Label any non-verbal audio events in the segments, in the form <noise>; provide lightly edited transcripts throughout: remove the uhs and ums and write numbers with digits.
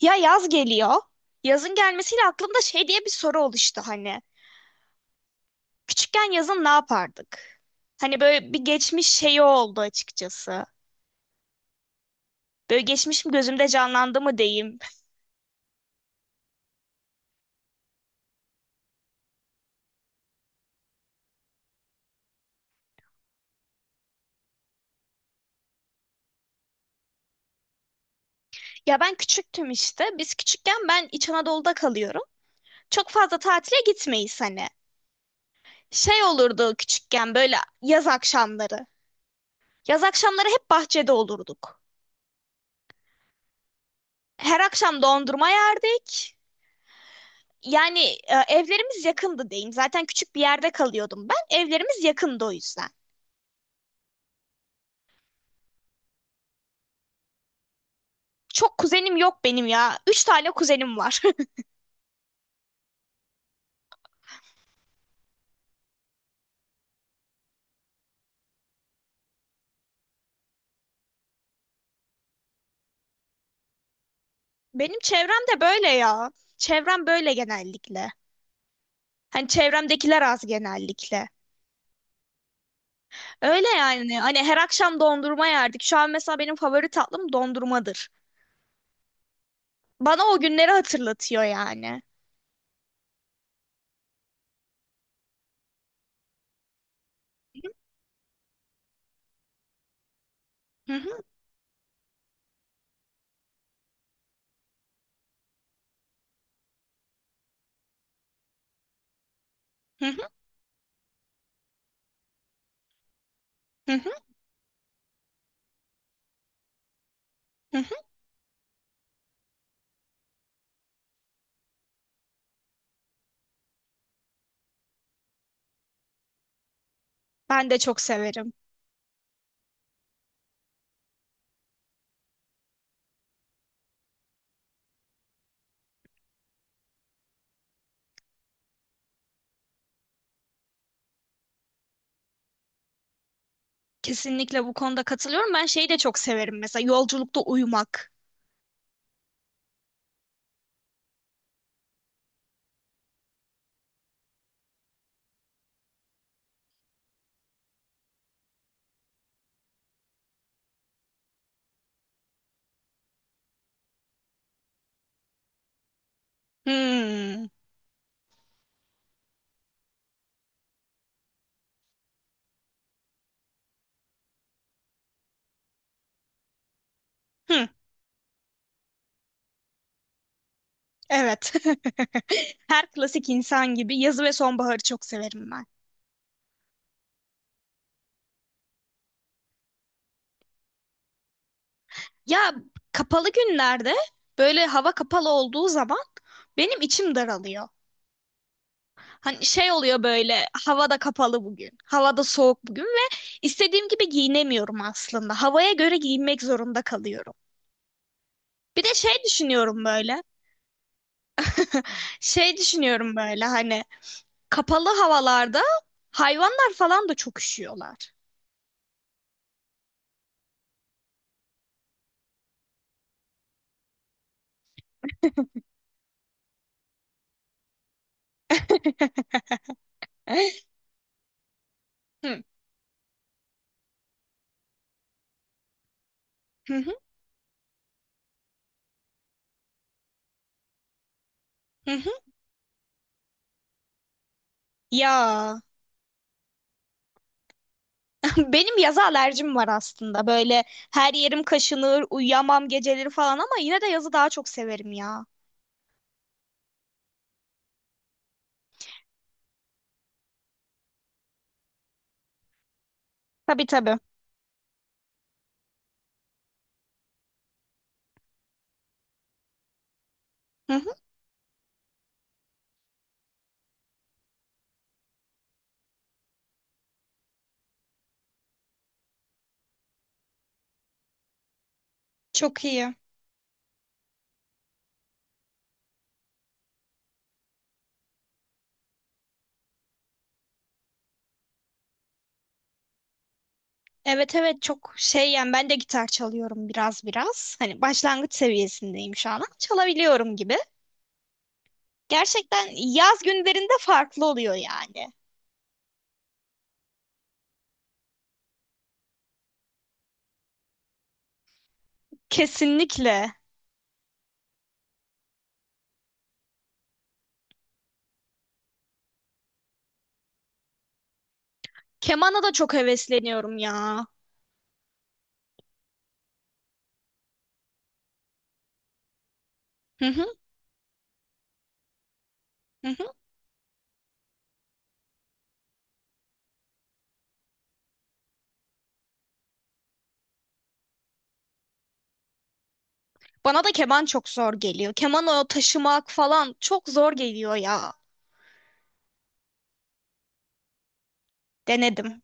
Ya, yaz geliyor. Yazın gelmesiyle aklımda şey diye bir soru oluştu hani. Küçükken yazın ne yapardık? Hani böyle bir geçmiş şeyi oldu açıkçası. Böyle geçmişim gözümde canlandı mı diyeyim. Ya ben küçüktüm işte. Biz küçükken ben İç Anadolu'da kalıyorum. Çok fazla tatile gitmeyiz hani. Şey olurdu küçükken böyle yaz akşamları. Yaz akşamları hep bahçede olurduk. Her akşam dondurma yerdik. Yani evlerimiz yakındı diyeyim. Zaten küçük bir yerde kalıyordum ben. Evlerimiz yakındı o yüzden. Çok kuzenim yok benim ya. Üç tane kuzenim var. <laughs> Benim çevrem de böyle ya. Çevrem böyle genellikle. Hani çevremdekiler az genellikle. Öyle yani. Hani her akşam dondurma yerdik. Şu an mesela benim favori tatlım dondurmadır. Bana o günleri hatırlatıyor yani. Hı hı, hı hı, hı hı, hı hı. Ben de çok severim. Kesinlikle bu konuda katılıyorum. Ben şeyi de çok severim mesela yolculukta uyumak. Hmm. Hı, evet. <laughs> Her klasik insan gibi yazı ve sonbaharı çok severim ben. Ya kapalı günlerde böyle hava kapalı olduğu zaman benim içim daralıyor. Hani şey oluyor böyle havada kapalı bugün, havada soğuk bugün ve istediğim gibi giyinemiyorum aslında. Havaya göre giyinmek zorunda kalıyorum. Bir de şey düşünüyorum böyle, şey düşünüyorum böyle hani kapalı havalarda hayvanlar falan da çok üşüyorlar. <laughs> Hı, hı, hı, hı. Ya. Benim yaza alerjim var aslında. Böyle her yerim kaşınır, uyuyamam geceleri falan ama yine de yazı daha çok severim ya. Tabii tabii. Hı hı. Çok iyi. Evet evet çok şey yani ben de gitar çalıyorum biraz biraz. Hani başlangıç seviyesindeyim şu an ama çalabiliyorum gibi. Gerçekten yaz günlerinde farklı oluyor yani. Kesinlikle. Kemana da çok hevesleniyorum ya. Hı hı, hı hı. Bana da keman çok zor geliyor. Keman o taşımak falan çok zor geliyor ya. Denedim.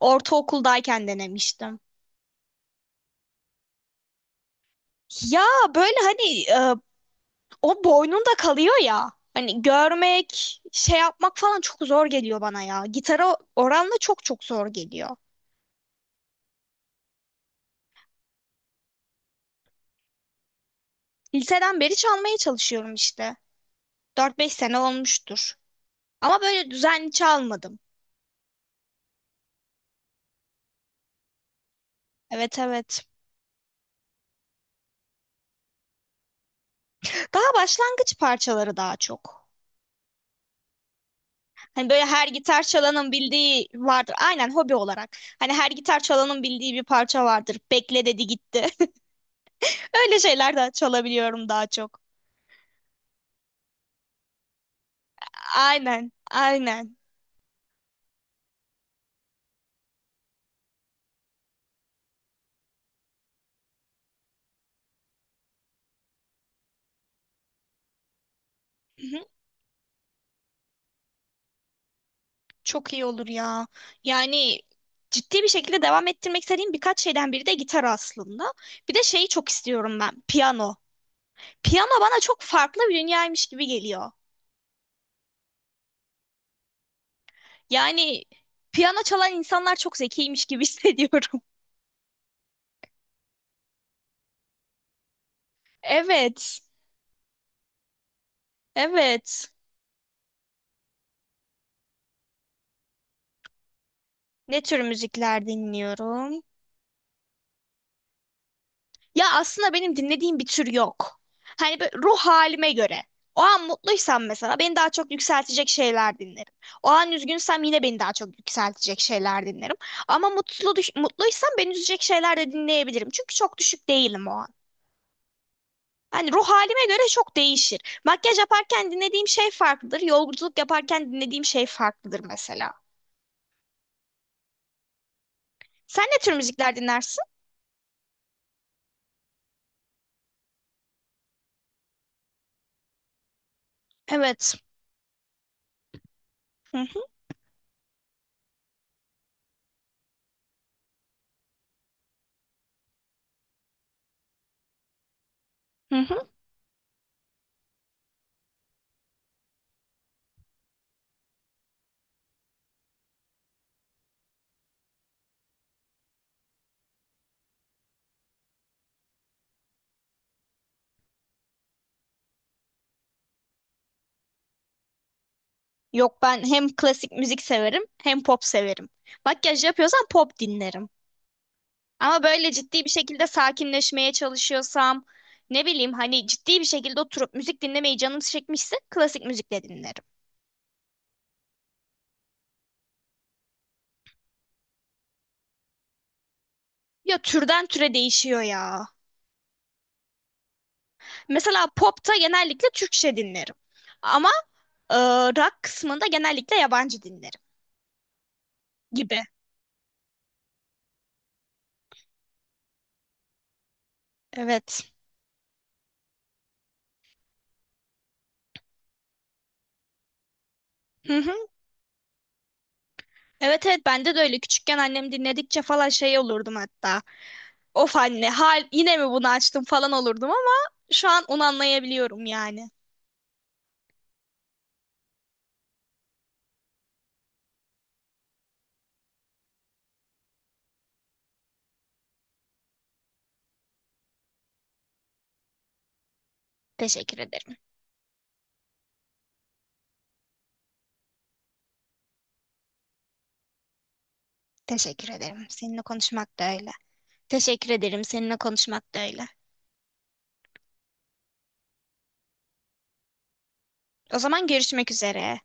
Ortaokuldayken denemiştim. Ya böyle hani o boynunda kalıyor ya. Hani görmek, şey yapmak falan çok zor geliyor bana ya. Gitara oranla çok çok zor geliyor. Liseden beri çalmaya çalışıyorum işte. Dört beş sene olmuştur. Ama böyle düzenli çalmadım. Evet evet. Daha başlangıç parçaları daha çok. Hani böyle her gitar çalanın bildiği vardır. Aynen hobi olarak. Hani her gitar çalanın bildiği bir parça vardır. Bekle dedi gitti. Öyle şeyler de çalabiliyorum daha çok. Aynen, aynen. Hı hı. Çok iyi olur ya. Yani ciddi bir şekilde devam ettirmek istediğim birkaç şeyden biri de gitar aslında. Bir de şeyi çok istiyorum ben, piyano. Piyano bana çok farklı bir dünyaymış gibi geliyor. Yani piyano çalan insanlar çok zekiymiş gibi <laughs> hissediyorum. Evet, evet. Ne tür müzikler dinliyorum? Ya aslında benim dinlediğim bir tür yok. Hani böyle ruh halime göre. O an mutluysam mesela beni daha çok yükseltecek şeyler dinlerim. O an üzgünsem yine beni daha çok yükseltecek şeyler dinlerim. Ama mutluysam beni üzecek şeyler de dinleyebilirim. Çünkü çok düşük değilim o an. Hani ruh halime göre çok değişir. Makyaj yaparken dinlediğim şey farklıdır. Yolculuk yaparken dinlediğim şey farklıdır mesela. Sen ne tür müzikler dinlersin? Evet. Hı hı. Hı. Yok ben hem klasik müzik severim hem pop severim. Makyaj yapıyorsam pop dinlerim. Ama böyle ciddi bir şekilde sakinleşmeye çalışıyorsam ne bileyim hani ciddi bir şekilde oturup müzik dinlemeyi canım çekmişse klasik müzikle dinlerim. Ya türden türe değişiyor ya. Mesela popta genellikle Türkçe dinlerim. Ama e, rock kısmında genellikle yabancı dinlerim gibi. Evet. Hı hı. Evet evet bende de öyle. Küçükken annem dinledikçe falan şey olurdum hatta. Of anne, hal yine mi bunu açtım falan olurdum ama şu an onu anlayabiliyorum yani. Teşekkür ederim. Teşekkür ederim. Seninle konuşmak da öyle. Teşekkür ederim. Seninle konuşmak da öyle. O zaman görüşmek üzere.